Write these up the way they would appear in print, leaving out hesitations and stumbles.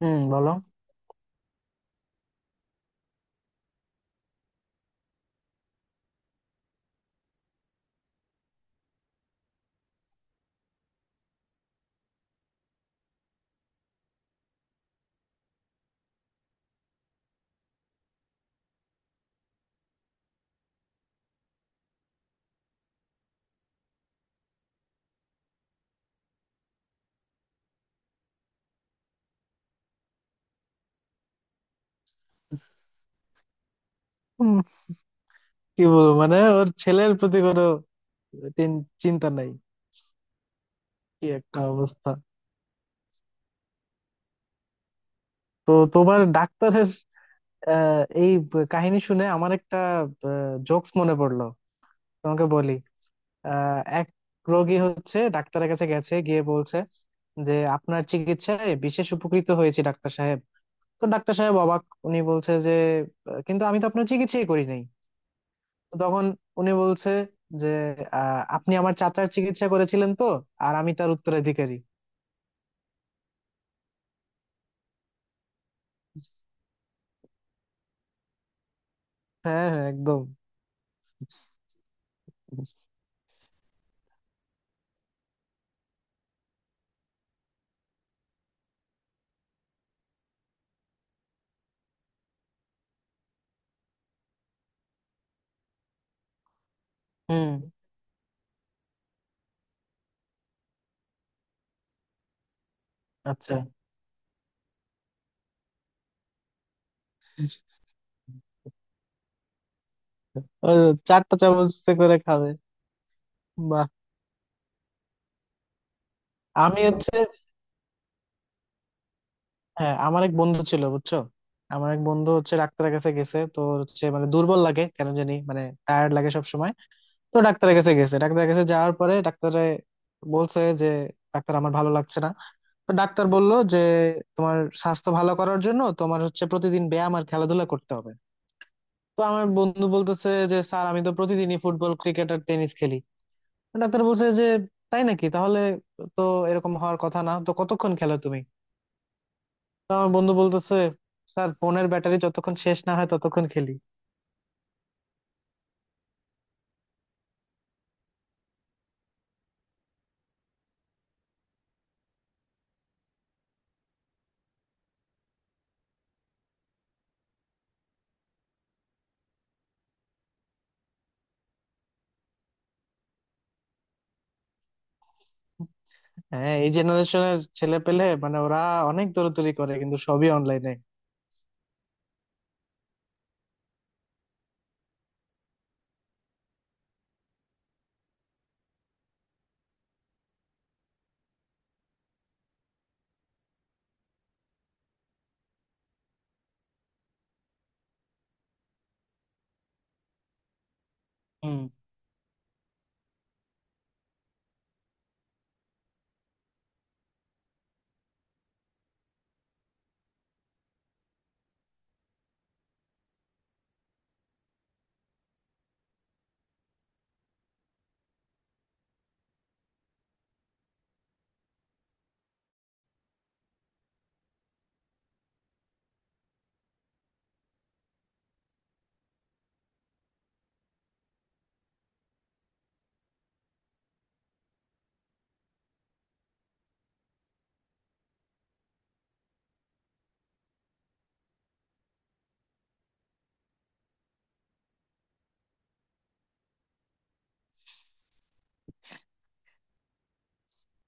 হুম, বলো। হুম, কি বলবো, মানে ওর ছেলের প্রতি কোনো চিন্তা নাই। কি একটা অবস্থা। তো তোমার ডাক্তারের এই কাহিনী শুনে আমার একটা জোকস মনে পড়লো, তোমাকে বলি। এক রোগী হচ্ছে ডাক্তারের কাছে গেছে, গিয়ে বলছে যে আপনার চিকিৎসায় বিশেষ উপকৃত হয়েছি ডাক্তার সাহেব। তো ডাক্তার সাহেব অবাক, উনি বলছে যে কিন্তু আমি তো আপনার চিকিৎসাই করি নাই। তো তখন উনি বলছে যে আপনি আমার চাচার চিকিৎসা করেছিলেন তো, আর আমি তার উত্তরাধিকারী। হ্যাঁ হ্যাঁ, একদম। হুম। আচ্ছা, ওই চারটা চামচে করে খাবে। বাহ। আমি হচ্ছে, হ্যাঁ আমার এক বন্ধু ছিল বুঝছো। আমার এক বন্ধু হচ্ছে ডাক্তারের কাছে গেছে, তো হচ্ছে মানে দুর্বল লাগে কেন জানি, মানে টায়ার্ড লাগে সব সময়। তো ডাক্তারের কাছে গেছে, ডাক্তারের কাছে যাওয়ার পরে ডাক্তারে বলছে যে ডাক্তার আমার ভালো লাগছে না। তো ডাক্তার বলল যে তোমার স্বাস্থ্য ভালো করার জন্য তোমার হচ্ছে প্রতিদিন ব্যায়াম আর খেলাধুলা করতে হবে। তো আমার বন্ধু বলতেছে যে স্যার, আমি তো প্রতিদিনই ফুটবল, ক্রিকেট আর টেনিস খেলি। তো ডাক্তার বলছে যে তাই নাকি, তাহলে তো এরকম হওয়ার কথা না, তো কতক্ষণ খেলো তুমি। তো আমার বন্ধু বলতেছে, স্যার ফোনের ব্যাটারি যতক্ষণ শেষ না হয় ততক্ষণ খেলি। হ্যাঁ, এই জেনারেশনের ছেলে পেলে মানে ওরা অনেক দৌড়াদৌড়ি করে কিন্তু সবই অনলাইনে। হুম।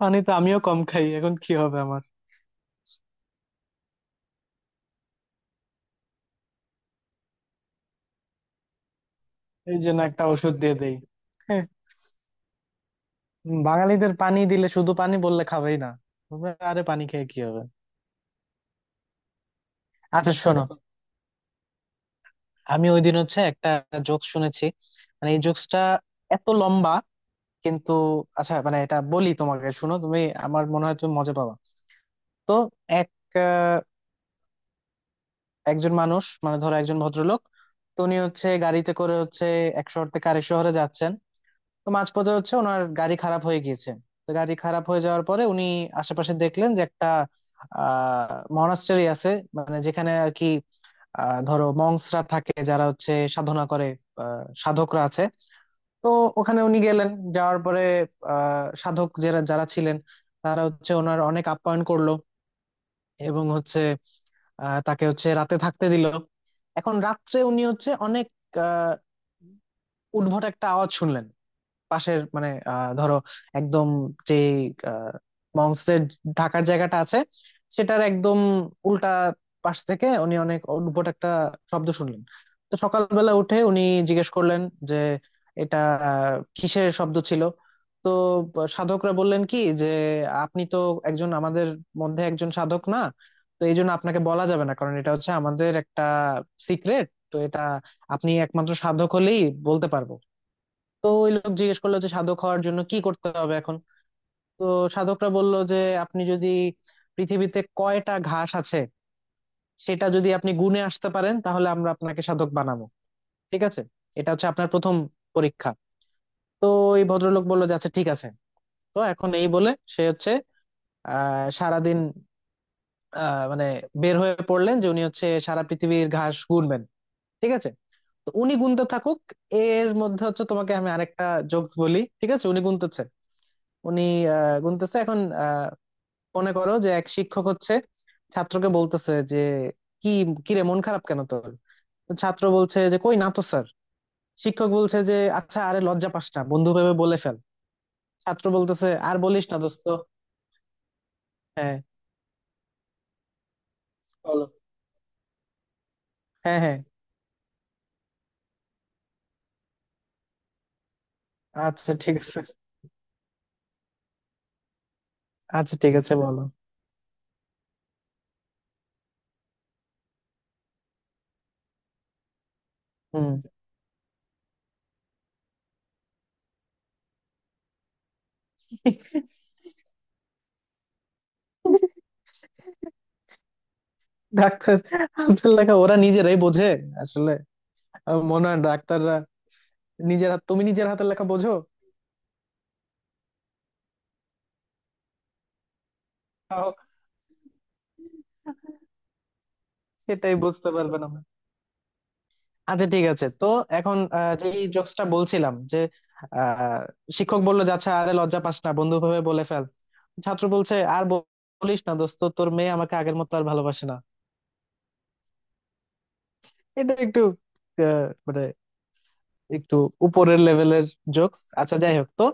পানি তো আমিও কম খাই, এখন কি হবে আমার। এই জন্য একটা ওষুধ দিয়ে দেই। হ্যাঁ। বাঙালিদের পানি দিলে, শুধু পানি বললে খাবেই না, বলবে আরে পানি খেয়ে কি হবে। আচ্ছা শোনো, আমি ওই দিন হচ্ছে একটা জোক শুনেছি। মানে এই জোকসটা এত লম্বা, কিন্তু আচ্ছা মানে এটা বলি তোমাকে, শুনো তুমি, আমার মনে হয় তুমি মজা পাবা। তো এক আহ, একজন মানুষ, মানে ধরো একজন ভদ্রলোক। তো উনি হচ্ছে গাড়িতে করে হচ্ছে এক শহর থেকে আরেক শহরে যাচ্ছেন। তো মাঝপথে হচ্ছে ওনার গাড়ি খারাপ হয়ে গিয়েছে। তো গাড়ি খারাপ হয়ে যাওয়ার পরে উনি আশেপাশে দেখলেন যে একটা আহ মনাস্টারি আছে। মানে যেখানে আর কি, ধরো মংসরা থাকে যারা হচ্ছে সাধনা করে, সাধকরা আছে। তো ওখানে উনি গেলেন। যাওয়ার পরে সাধক যারা যারা ছিলেন তারা হচ্ছে ওনার অনেক আপ্যায়ন করলো, এবং হচ্ছে তাকে হচ্ছে রাতে থাকতে দিল। এখন রাত্রে উনি হচ্ছে অনেক আহ উদ্ভট একটা আওয়াজ শুনলেন। পাশের মানে ধরো একদম, যে মংসের ঢাকার জায়গাটা আছে, সেটার একদম উল্টা পাশ থেকে উনি অনেক অদ্ভুত একটা শব্দ শুনলেন। তো সকালবেলা উঠে উনি জিজ্ঞেস করলেন যে এটা কিসের শব্দ ছিল। তো সাধকরা বললেন কি যে, আপনি তো একজন আমাদের মধ্যে একজন সাধক না, তো এই জন্য আপনাকে বলা যাবে না, কারণ এটা হচ্ছে আমাদের একটা সিক্রেট। তো এটা আপনি একমাত্র সাধক হলেই বলতে পারবো। তো ওই লোক জিজ্ঞেস করলো যে সাধক হওয়ার জন্য কি করতে হবে এখন। তো সাধকরা বলল যে আপনি যদি পৃথিবীতে কয়টা ঘাস আছে সেটা যদি আপনি গুণে আসতে পারেন, তাহলে আমরা আপনাকে সাধক বানাবো। ঠিক আছে, এটা হচ্ছে আপনার প্রথম পরীক্ষা। তো এই ভদ্রলোক বললো যে আচ্ছা ঠিক আছে। তো এখন এই বলে সে হচ্ছে সারাদিন, মানে বের হয়ে পড়লেন যে উনি হচ্ছে সারা পৃথিবীর ঘাস গুনবেন। ঠিক আছে, তো উনি গুনতে থাকুক, এর মধ্যে হচ্ছে তোমাকে আমি আরেকটা জোকস বলি। ঠিক আছে, উনি গুনতেছে, উনি গুনতেছে এখন। আহ, মনে করো যে এক শিক্ষক হচ্ছে ছাত্রকে বলতেছে যে কি, কি রে মন খারাপ কেন তোর। তো ছাত্র বলছে যে কই না তো স্যার। শিক্ষক বলছে যে আচ্ছা আরে লজ্জা পাস না বন্ধু ভেবে বলে ফেল। ছাত্র বলতেছে আর বলিস না দোস্ত। হ্যাঁ বলো। হ্যাঁ হ্যাঁ। আচ্ছা ঠিক আছে। আচ্ছা ঠিক আছে বলো। হুম। ডাক্তার, হাতের লেখা ওরা নিজেরাই বোঝে আসলে। আমার মনে হয় ডাক্তাররা নিজের হাত, তুমি নিজের হাতের লেখা বোঝো। তাও, এটাই বুঝতে পারবে না। আচ্ছা ঠিক আছে, তো এখন যে জোকসটা বলছিলাম, যে আহ, শিক্ষক বললো যে আচ্ছা আরে লজ্জা পাস না বন্ধু ভাবে বলে ফেল। ছাত্র বলছে আর বলিস না দোস্ত, তোর মেয়ে আমাকে আগের মতো আর ভালোবাসে না। এটা একটু আহ, মানে একটু উপরের লেভেলের জোকস। আচ্ছা যাই হোক, তো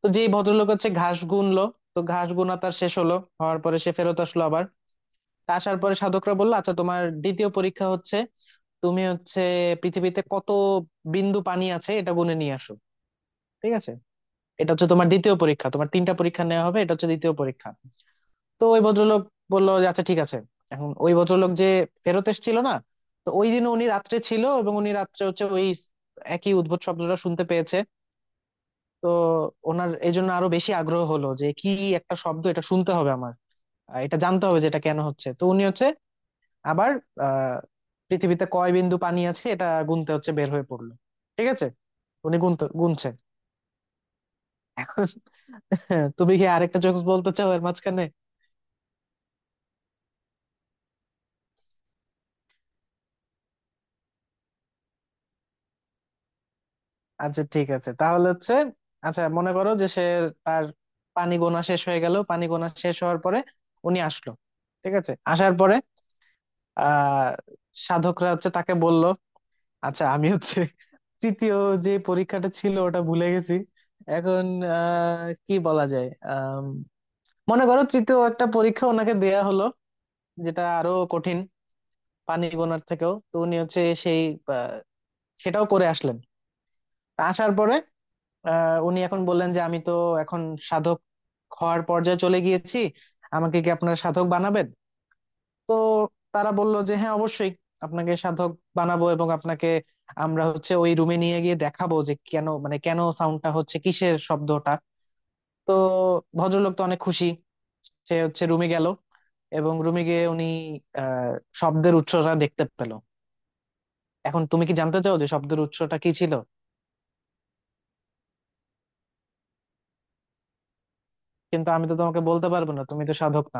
তো যেই ভদ্রলোক হচ্ছে ঘাস গুনলো, তো ঘাস গুনা তার শেষ হলো। হওয়ার পরে সে ফেরত আসলো আবার। তা আসার পরে সাধকরা বললো আচ্ছা তোমার দ্বিতীয় পরীক্ষা হচ্ছে, তুমি হচ্ছে পৃথিবীতে কত বিন্দু পানি আছে এটা গুনে নিয়ে আসো। ঠিক আছে, এটা হচ্ছে তোমার দ্বিতীয় পরীক্ষা, তোমার তিনটা পরীক্ষা নেওয়া হবে, এটা হচ্ছে দ্বিতীয় পরীক্ষা। তো ওই ভদ্রলোক বললো যে আচ্ছা ঠিক আছে। এখন ওই ভদ্রলোক যে ফেরত এসেছিল না, তো ওই দিন উনি রাত্রে ছিল এবং উনি রাত্রে হচ্ছে ওই একই উদ্ভট শব্দটা শুনতে পেয়েছে। তো ওনার এই জন্য আরো বেশি আগ্রহ হলো যে কি একটা শব্দ এটা, শুনতে হবে আমার, এটা জানতে হবে যে এটা কেন হচ্ছে। তো উনি হচ্ছে আবার আহ পৃথিবীতে কয় বিন্দু পানি আছে এটা গুনতে হচ্ছে বের হয়ে পড়লো। ঠিক আছে, উনি গুনতে গুনছে এখন। তুমি কি আরেকটা জোকস বলতে চাও এর মাঝখানে। আচ্ছা ঠিক আছে তাহলে হচ্ছে, আচ্ছা মনে করো যে সে তার পানি গোনা শেষ হয়ে গেল, পানি গোনা শেষ হওয়ার পরে উনি আসলো। ঠিক আছে, আসার পরে আহ সাধকরা হচ্ছে তাকে বলল, আচ্ছা আমি হচ্ছে তৃতীয় যে পরীক্ষাটা ছিল ওটা ভুলে গেছি। এখন কি বলা যায়, মনে করো তৃতীয় একটা পরীক্ষা ওনাকে দেয়া হলো যেটা আরো কঠিন পানি গোনার থেকেও। তো উনি হচ্ছে সেই আহ, সেটাও করে আসলেন। তা আসার পরে উনি এখন বললেন যে আমি তো এখন সাধক হওয়ার পর্যায়ে চলে গিয়েছি, আমাকে কি আপনারা সাধক বানাবেন। তো তারা বলল যে হ্যাঁ অবশ্যই, আপনাকে সাধক বানাবো, এবং আপনাকে আমরা হচ্ছে ওই রুমে নিয়ে গিয়ে দেখাবো যে কেন মানে কেন সাউন্ডটা হচ্ছে কিসের শব্দটা। তো ভদ্রলোক তো অনেক খুশি, সে হচ্ছে রুমে গেল। এবং রুমে গিয়ে উনি আহ শব্দের উৎসটা দেখতে পেল। এখন তুমি কি জানতে চাও যে শব্দের উৎসটা কি ছিল। কিন্তু আমি তো তোমাকে বলতে পারবো না, তুমি তো সাধক না।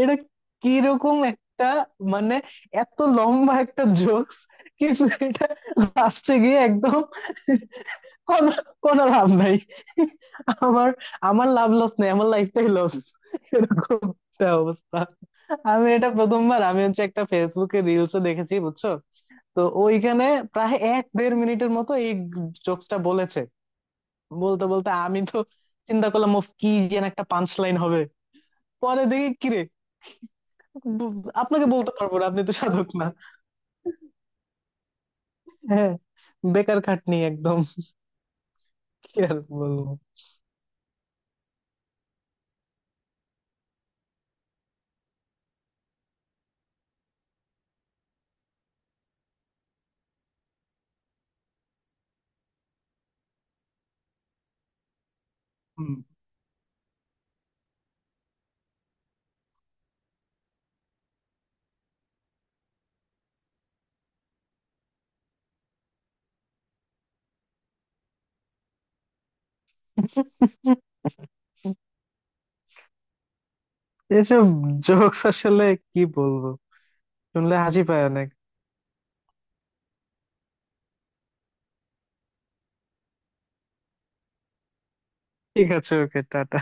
এটা কিরকম একটা, মানে এত লম্বা একটা জোকস, কিন্তু এটা লাস্টে গিয়ে একদম কোনো কোনো লাভ নাই। আমার, আমার লাভ লস নেই, আমার লাইফটাই লস। এরকম একটা অবস্থা। আমি এটা প্রথমবার আমি হচ্ছে একটা ফেসবুকে রিলসে দেখেছি বুঝছো। তো ওইখানে প্রায় এক দেড় মিনিটের মতো এই জোকসটা বলেছে, বলতে বলতে আমি তো চিন্তা করলাম, "উফ, কি যেন একটা পাঞ্চ লাইন হবে।" পরে দেখি কিরে, আপনাকে বলতে পারবো না, আপনি তো সাধক না। হ্যাঁ, বেকার খাটনি একদম। কি আর বলবো। হুম। এসব জোকস আসলে কি বলবো, শুনলে হাসি পায় অনেক। ঠিক আছে, ওকে, টাটা।